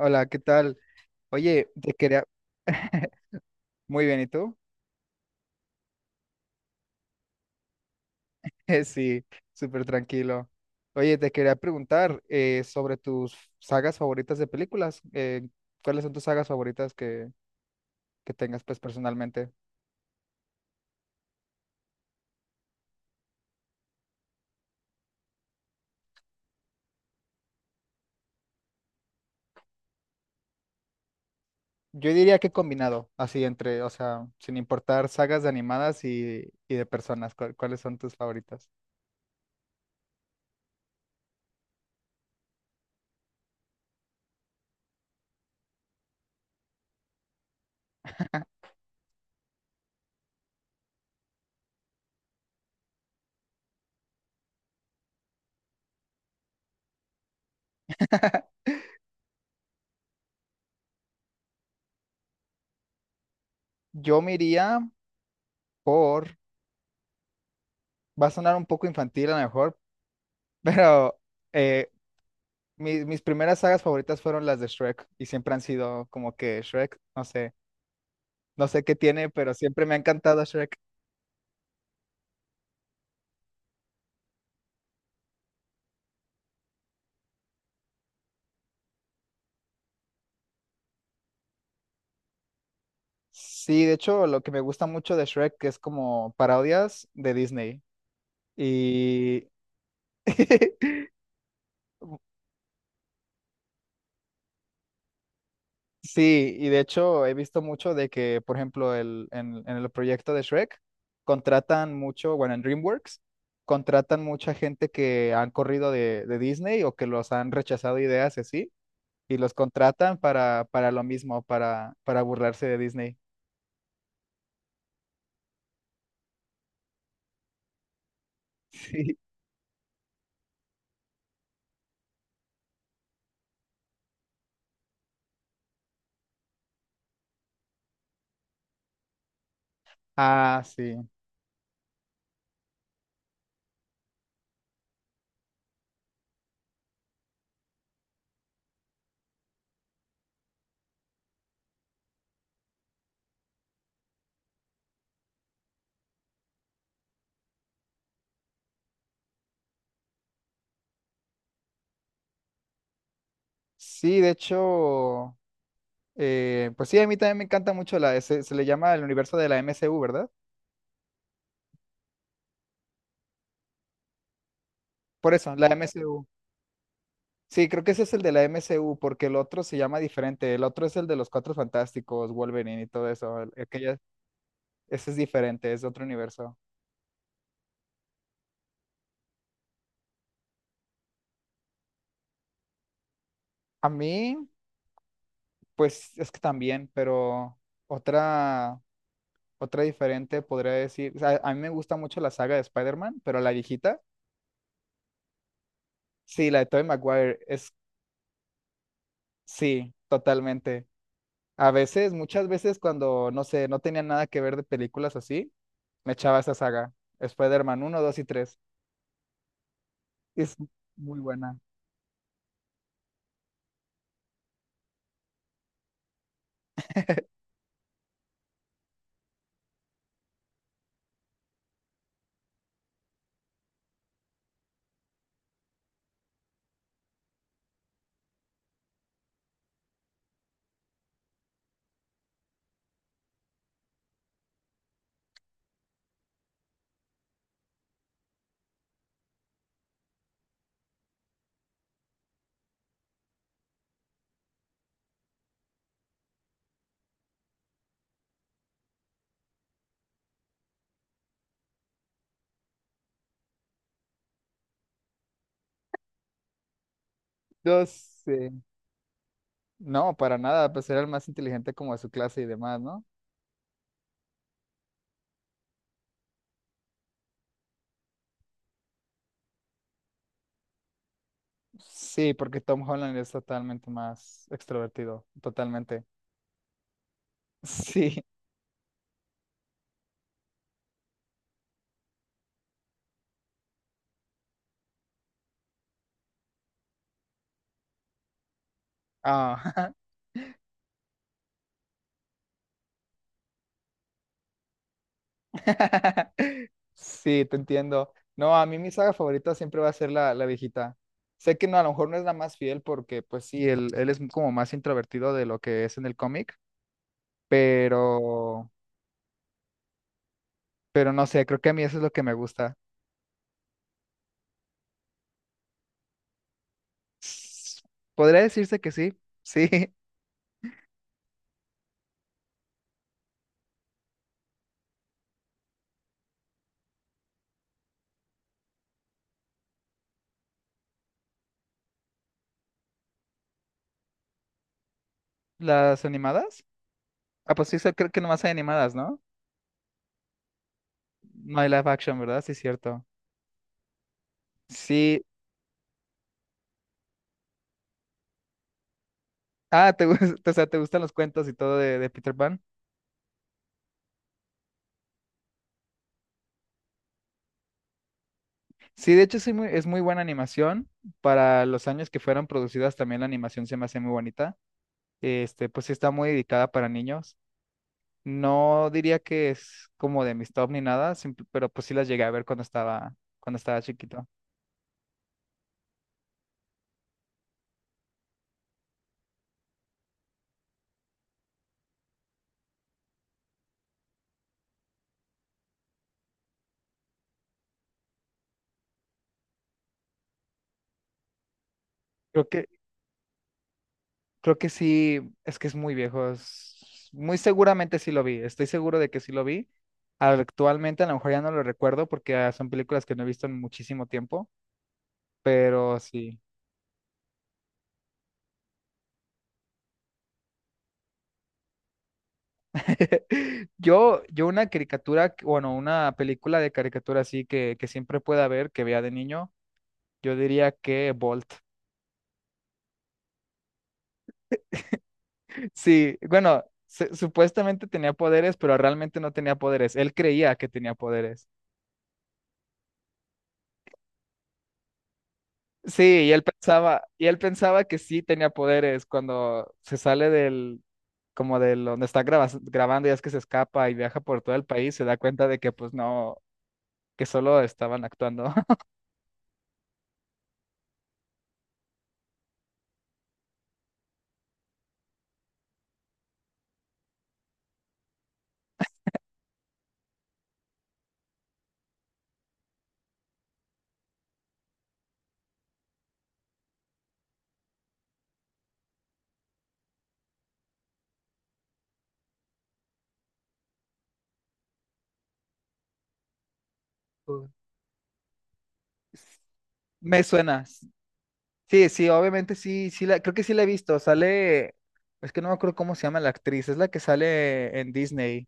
Hola, ¿qué tal? Oye, te quería... Muy bien, ¿y tú? Sí, súper tranquilo. Oye, te quería preguntar sobre tus sagas favoritas de películas. ¿Cuáles son tus sagas favoritas que tengas, pues, personalmente? Yo diría que combinado, así entre, o sea, sin importar sagas de animadas y de personas, ¿cuáles son tus favoritas? Yo me iría por... Va a sonar un poco infantil a lo mejor, pero... eh, mis primeras sagas favoritas fueron las de Shrek y siempre han sido como que Shrek, no sé, no sé qué tiene, pero siempre me ha encantado Shrek. Sí, de hecho, lo que me gusta mucho de Shrek es como parodias de Disney. Y sí, y de hecho he visto mucho de que, por ejemplo, en el proyecto de Shrek contratan mucho, bueno, en DreamWorks contratan mucha gente que han corrido de Disney o que los han rechazado ideas y así y los contratan para lo mismo, para burlarse de Disney. Sí. Ah, sí. Sí, de hecho, pues sí, a mí también me encanta mucho se le llama el universo de la MCU, ¿verdad? Por eso, la MCU. Sí, creo que ese es el de la MCU, porque el otro se llama diferente. El otro es el de los Cuatro Fantásticos, Wolverine y todo eso. El que ya- ese es diferente, es de otro universo. A mí, pues es que también, pero otra. Otra diferente podría decir, o sea, a mí me gusta mucho la saga de Spider-Man, pero la viejita, sí, la de Tobey Maguire, es, sí, totalmente. A veces, muchas veces cuando, no sé, no tenía nada que ver de películas así, me echaba esa saga, Spider-Man 1, 2 y 3. Es muy buena. Yo sé. No, para nada, pues era el más inteligente como de su clase y demás, ¿no? Sí, porque Tom Holland es totalmente más extrovertido, totalmente. Sí. Ah. Sí, te entiendo. No, a mí mi saga favorita siempre va a ser la viejita. Sé que no, a lo mejor no es la más fiel porque, pues sí, él es como más introvertido de lo que es en el cómic, pero, pero no sé, creo que a mí eso es lo que me gusta. S- ¿Podría decirse que sí? Sí, las animadas. Ah, pues sí, sé- creo que nomás hay animadas, ¿no? No hay live action, ¿verdad? Sí, cierto. Sí. Ah, te, gus- o sea, ¿te gustan los cuentos y todo de Peter Pan? Sí, de hecho sí muy- es muy buena animación. Para los años que fueron producidas también la animación se me hace muy bonita. Este, pues sí está muy dedicada para niños. No diría que es como de mis top ni nada, simp- pero pues sí las llegué a ver cuando estaba chiquito. Creo que, creo que sí, es que es muy viejo. Es- Muy seguramente sí lo vi. Estoy seguro de que sí lo vi. Actualmente a lo mejor ya no lo recuerdo porque son películas que no he visto en muchísimo tiempo, pero sí. Yo una caricatura, que- bueno, una película de caricatura así que siempre pueda ver, que vea de niño, yo diría que Bolt. Sí, bueno, se- supuestamente tenía poderes, pero realmente no tenía poderes. Él creía que tenía poderes. Sí, y él pensaba que sí tenía poderes cuando se sale del, como del donde está grabas- grabando y es que se escapa y viaja por todo el país, se da cuenta de que pues no, que solo estaban actuando. Oh. Me suena. Sí, sí, obviamente sí, sí la, creo que sí la he visto. Sale, es que no me acuerdo cómo se llama la actriz, es la que sale en Disney.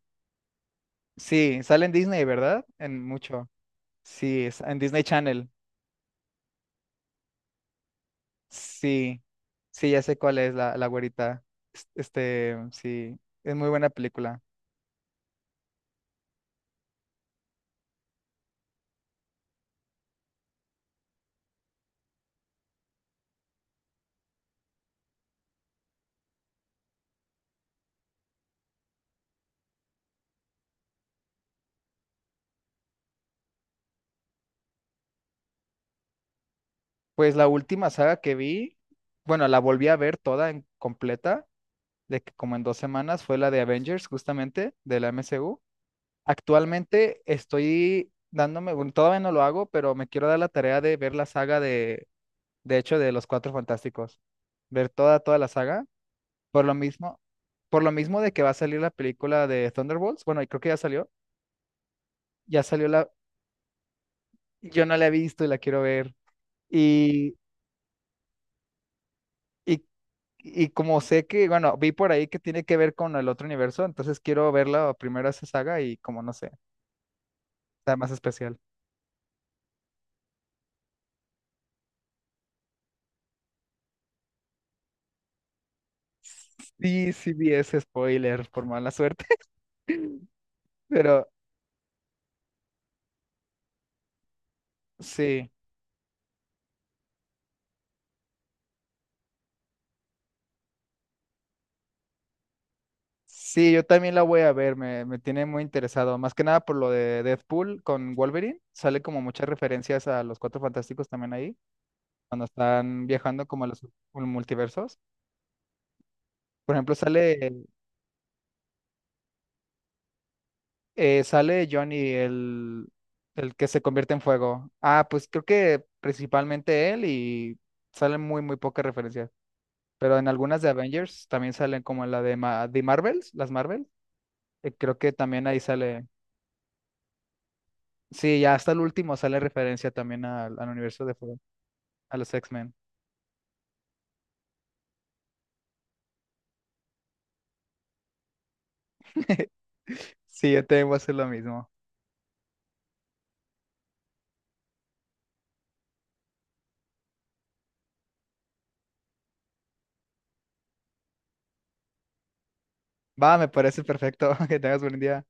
Sí, sale en Disney, ¿verdad? En mucho. Sí, es en Disney Channel. Sí, sí, ya sé cuál es la güerita. Es- Este, sí, es muy buena película. Pues la última saga que vi, bueno, la volví a ver toda en completa, de que como en dos semanas, fue la de Avengers, justamente, de la MCU. Actualmente estoy dándome, bueno, todavía no lo hago, pero me quiero dar la tarea de ver la saga de hecho, de Los Cuatro Fantásticos. Ver toda, toda la saga. Por lo mismo, por lo mismo de que va a salir la película de Thunderbolts. Bueno, y creo que ya salió. Ya salió la, yo no la he visto y la quiero ver. Y, y, y como sé que, bueno, vi por ahí que tiene que ver con el otro universo, entonces quiero verla primero esa saga y como no sé, está más especial. Sí, sí vi ese spoiler, por mala suerte. Pero sí, sí, yo también la voy a ver, me tiene muy interesado, más que nada por lo de Deadpool con Wolverine, sale como muchas referencias a los Cuatro Fantásticos también ahí, cuando están viajando como a los multiversos. Por ejemplo, sale, sale Johnny, el que se convierte en fuego. Ah, pues creo que principalmente él y salen muy, muy pocas referencias, pero en algunas de Avengers también salen como en la de, Ma- de Marvels, las Marvel, creo que también ahí sale. Sí, ya hasta el último sale referencia también al, al universo de Fro- a los X-Men. Sí, yo también voy a hacer lo mismo. Va, me parece perfecto. Que tengas buen día.